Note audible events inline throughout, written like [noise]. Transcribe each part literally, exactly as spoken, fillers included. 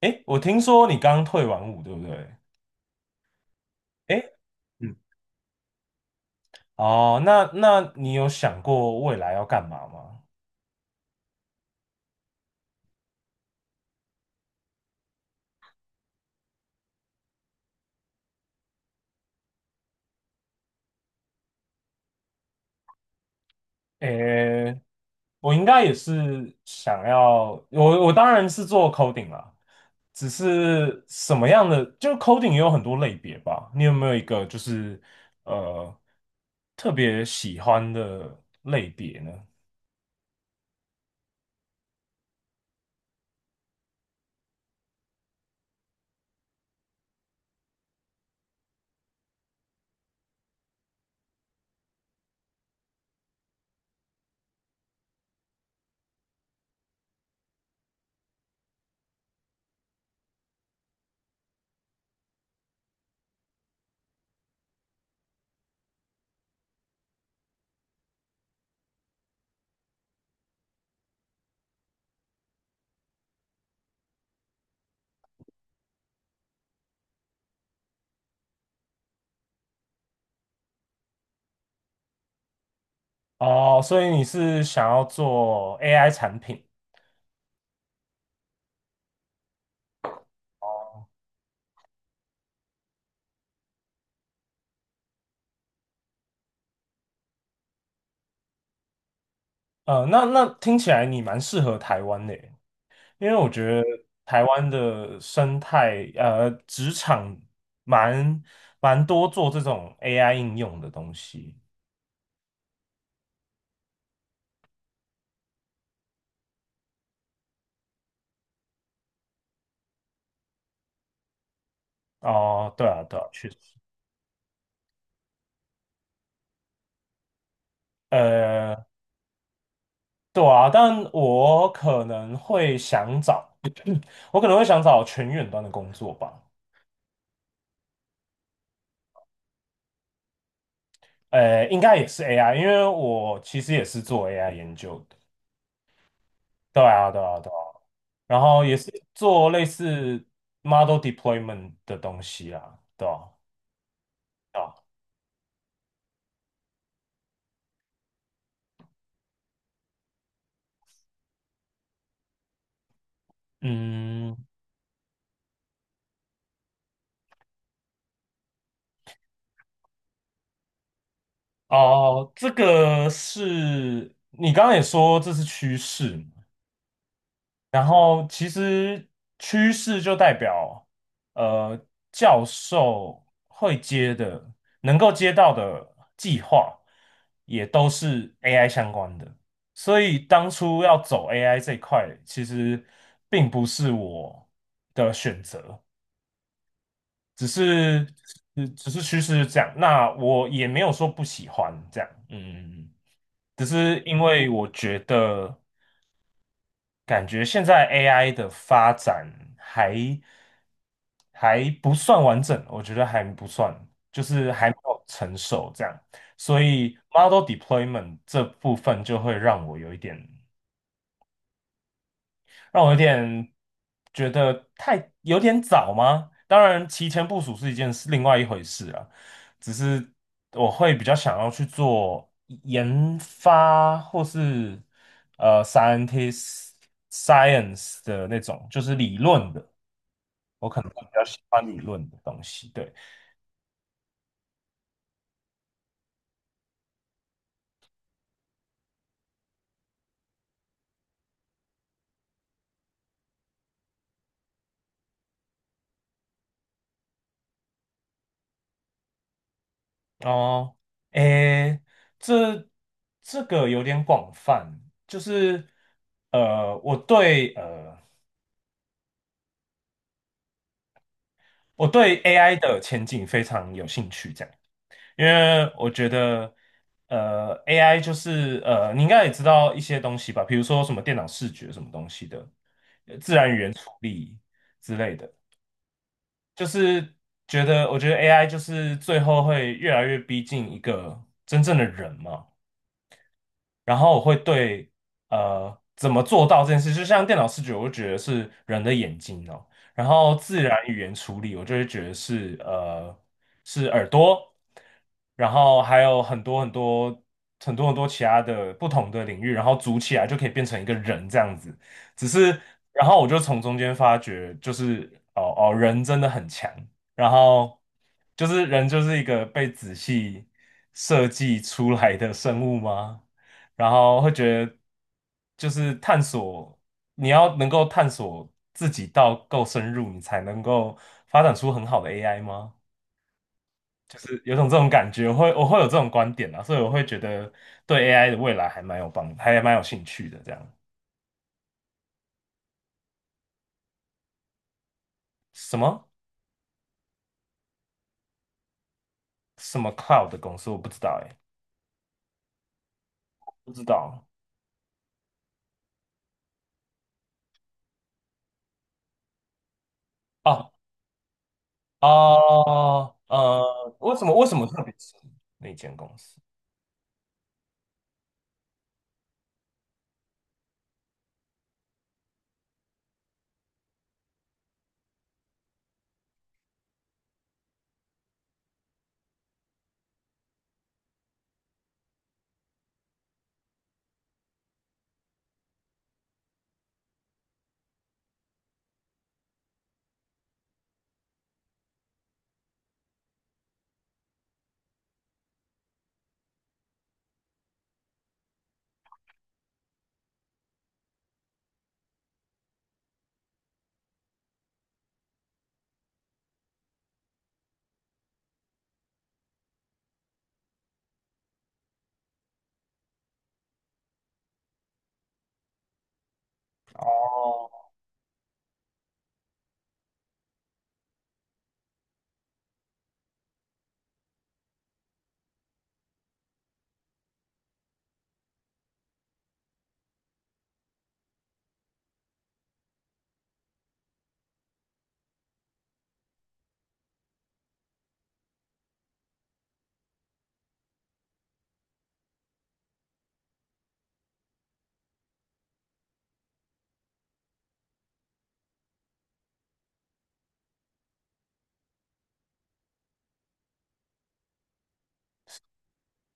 哎，我听说你刚退完伍，对不对？哎，嗯，哦，那那你有想过未来要干嘛吗？诶，我应该也是想要，我我当然是做 coding 啦，只是什么样的，就 coding 也有很多类别吧。你有没有一个就是呃特别喜欢的类别呢？哦，所以你是想要做 A I 产品？哦，呃，那那听起来你蛮适合台湾的耶，因为我觉得台湾的生态，呃，职场蛮蛮多做这种 A I 应用的东西。哦，对啊，对啊，确实，呃，对啊，但我可能会想找，我可能会想找全远端的工作吧。呃，应该也是 A I,因为我其实也是做 A I 研究的。对啊，对啊，对啊，然后也是做类似 model deployment 的东西啦，对啊，对啊。嗯，哦，这个是你刚刚也说这是趋势嘛，然后其实趋势就代表呃教授会接的、能够接到的计划也都是 A I 相关的，所以当初要走 A I 这一块，其实并不是我的选择，只是只只是趋势是这样，那我也没有说不喜欢这样，嗯嗯嗯。只是因为我觉得，感觉现在 A I 的发展还还不算完整，我觉得还不算，就是还没有成熟这样，所以 model deployment 这部分就会让我有一点。让我有点觉得太有点早吗？当然，提前部署是一件是另外一回事啊。只是我会比较想要去做研发或是呃 scientist science 的那种，就是理论的，我可能会比较喜欢理论的东西。对，哦，诶，这这个有点广泛，就是呃，我对呃。我对 A I 的前景非常有兴趣，这样，因为我觉得，呃，A I 就是呃，你应该也知道一些东西吧，比如说什么电脑视觉什么东西的，呃自然语言处理之类的，就是觉得，我觉得 A I 就是最后会越来越逼近一个真正的人嘛，然后我会对呃怎么做到这件事，就像电脑视觉，我就觉得是人的眼睛哦，然后自然语言处理，我就会觉得是呃是耳朵，然后还有很多很多很多很多其他的不同的领域，然后组起来就可以变成一个人这样子。只是然后我就从中间发觉，就是哦哦人真的很强，然后就是人就是一个被仔细设计出来的生物吗？然后会觉得就是探索，你要能够探索自己到够深入，你才能够发展出很好的 A I 吗？就是有种这种感觉，我会我会有这种观点啊，所以我会觉得对 A I 的未来还蛮有帮，还蛮有兴趣的。这样什么什么 cloud 的公司我不知道哎、不知道哦哦呃，为什么为什么特别是那间公司？哦，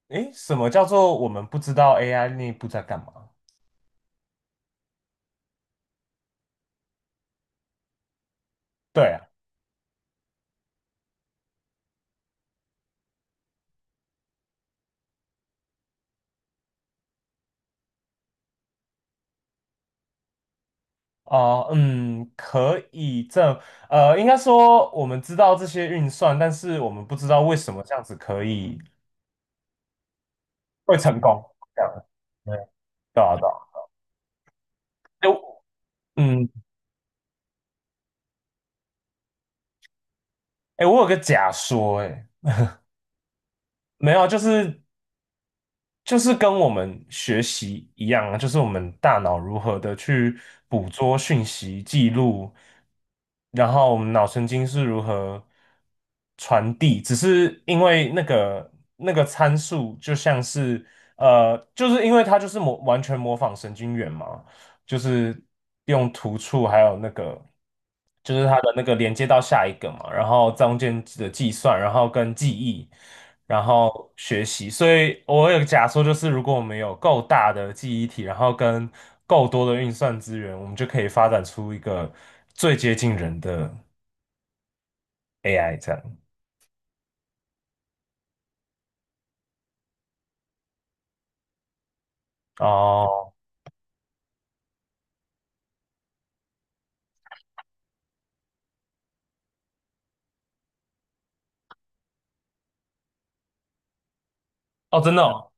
诶，什么叫做我们不知道 A I 内部在干嘛？对啊。哦，嗯，可以这，呃，应该说我们知道这些运算，但是我们不知道为什么这样子可以会成功，这样，对，对啊，对啊，哎，嗯，哎，我有个假说，哎，没有啊，就是就是跟我们学习一样啊，就是我们大脑如何的去捕捉讯息、记录，然后我们脑神经是如何传递，只是因为那个那个参数就像是呃，就是因为它就是模完全模仿神经元嘛，就是用突触还有那个，就是它的那个连接到下一个嘛，然后中间的计算，然后跟记忆，然后学习。所以我有个假说，就是如果我们有够大的记忆体，然后跟够多的运算资源，我们就可以发展出一个最接近人的 A I 这样。哦哦，真的哦，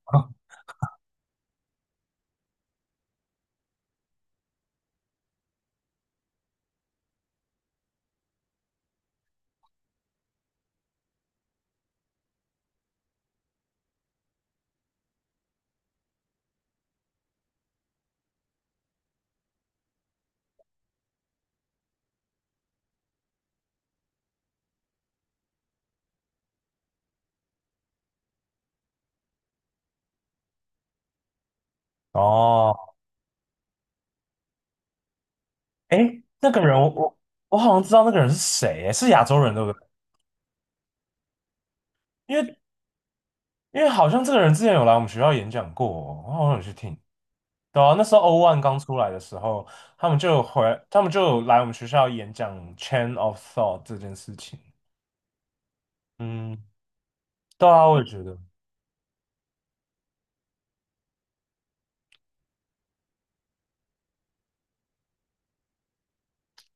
哦，诶，那个人我我我好像知道那个人是谁，诶是亚洲人对不对？因为因为好像这个人之前有来我们学校演讲过哦我好像有去听。对啊，那时候 O o 刚出来的时候，他们就有回，他们就有来我们学校演讲 Chain of Thought 这件事情。嗯，对啊，我也觉得，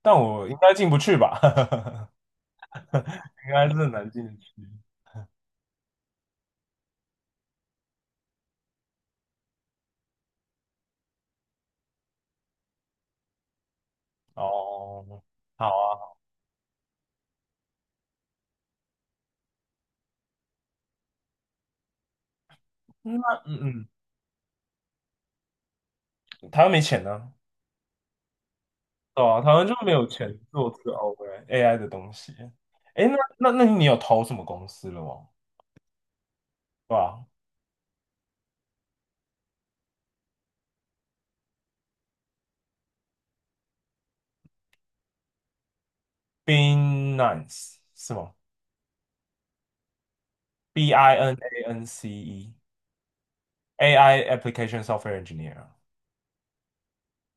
但我应该进不去吧？[laughs] 应该是很难进得去。哦，好啊，那嗯嗯，台湾没钱呢、对啊，台湾就没有钱做这个 O A I 的东西。诶，那那那你有投什么公司了吗？对吧？Binance 是吗？B I N A N C E A I Application Software Engineer 啊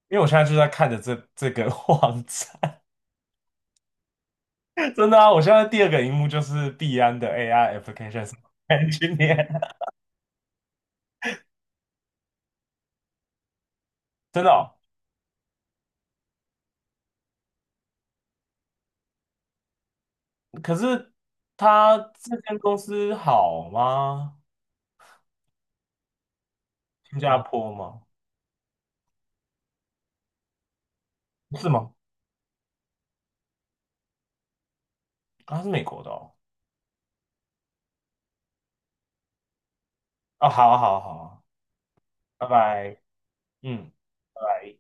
因为我现在就在看着这这个 [laughs] 网站，[laughs] 真的啊，我现在第二个荧幕就是币安的 A I Application Software Engineer,[laughs] 真的哦。可是他这间公司好吗？新加坡吗？是吗？啊它是美国的哦。哦，好啊，好啊，好啊，拜拜，嗯。拜拜。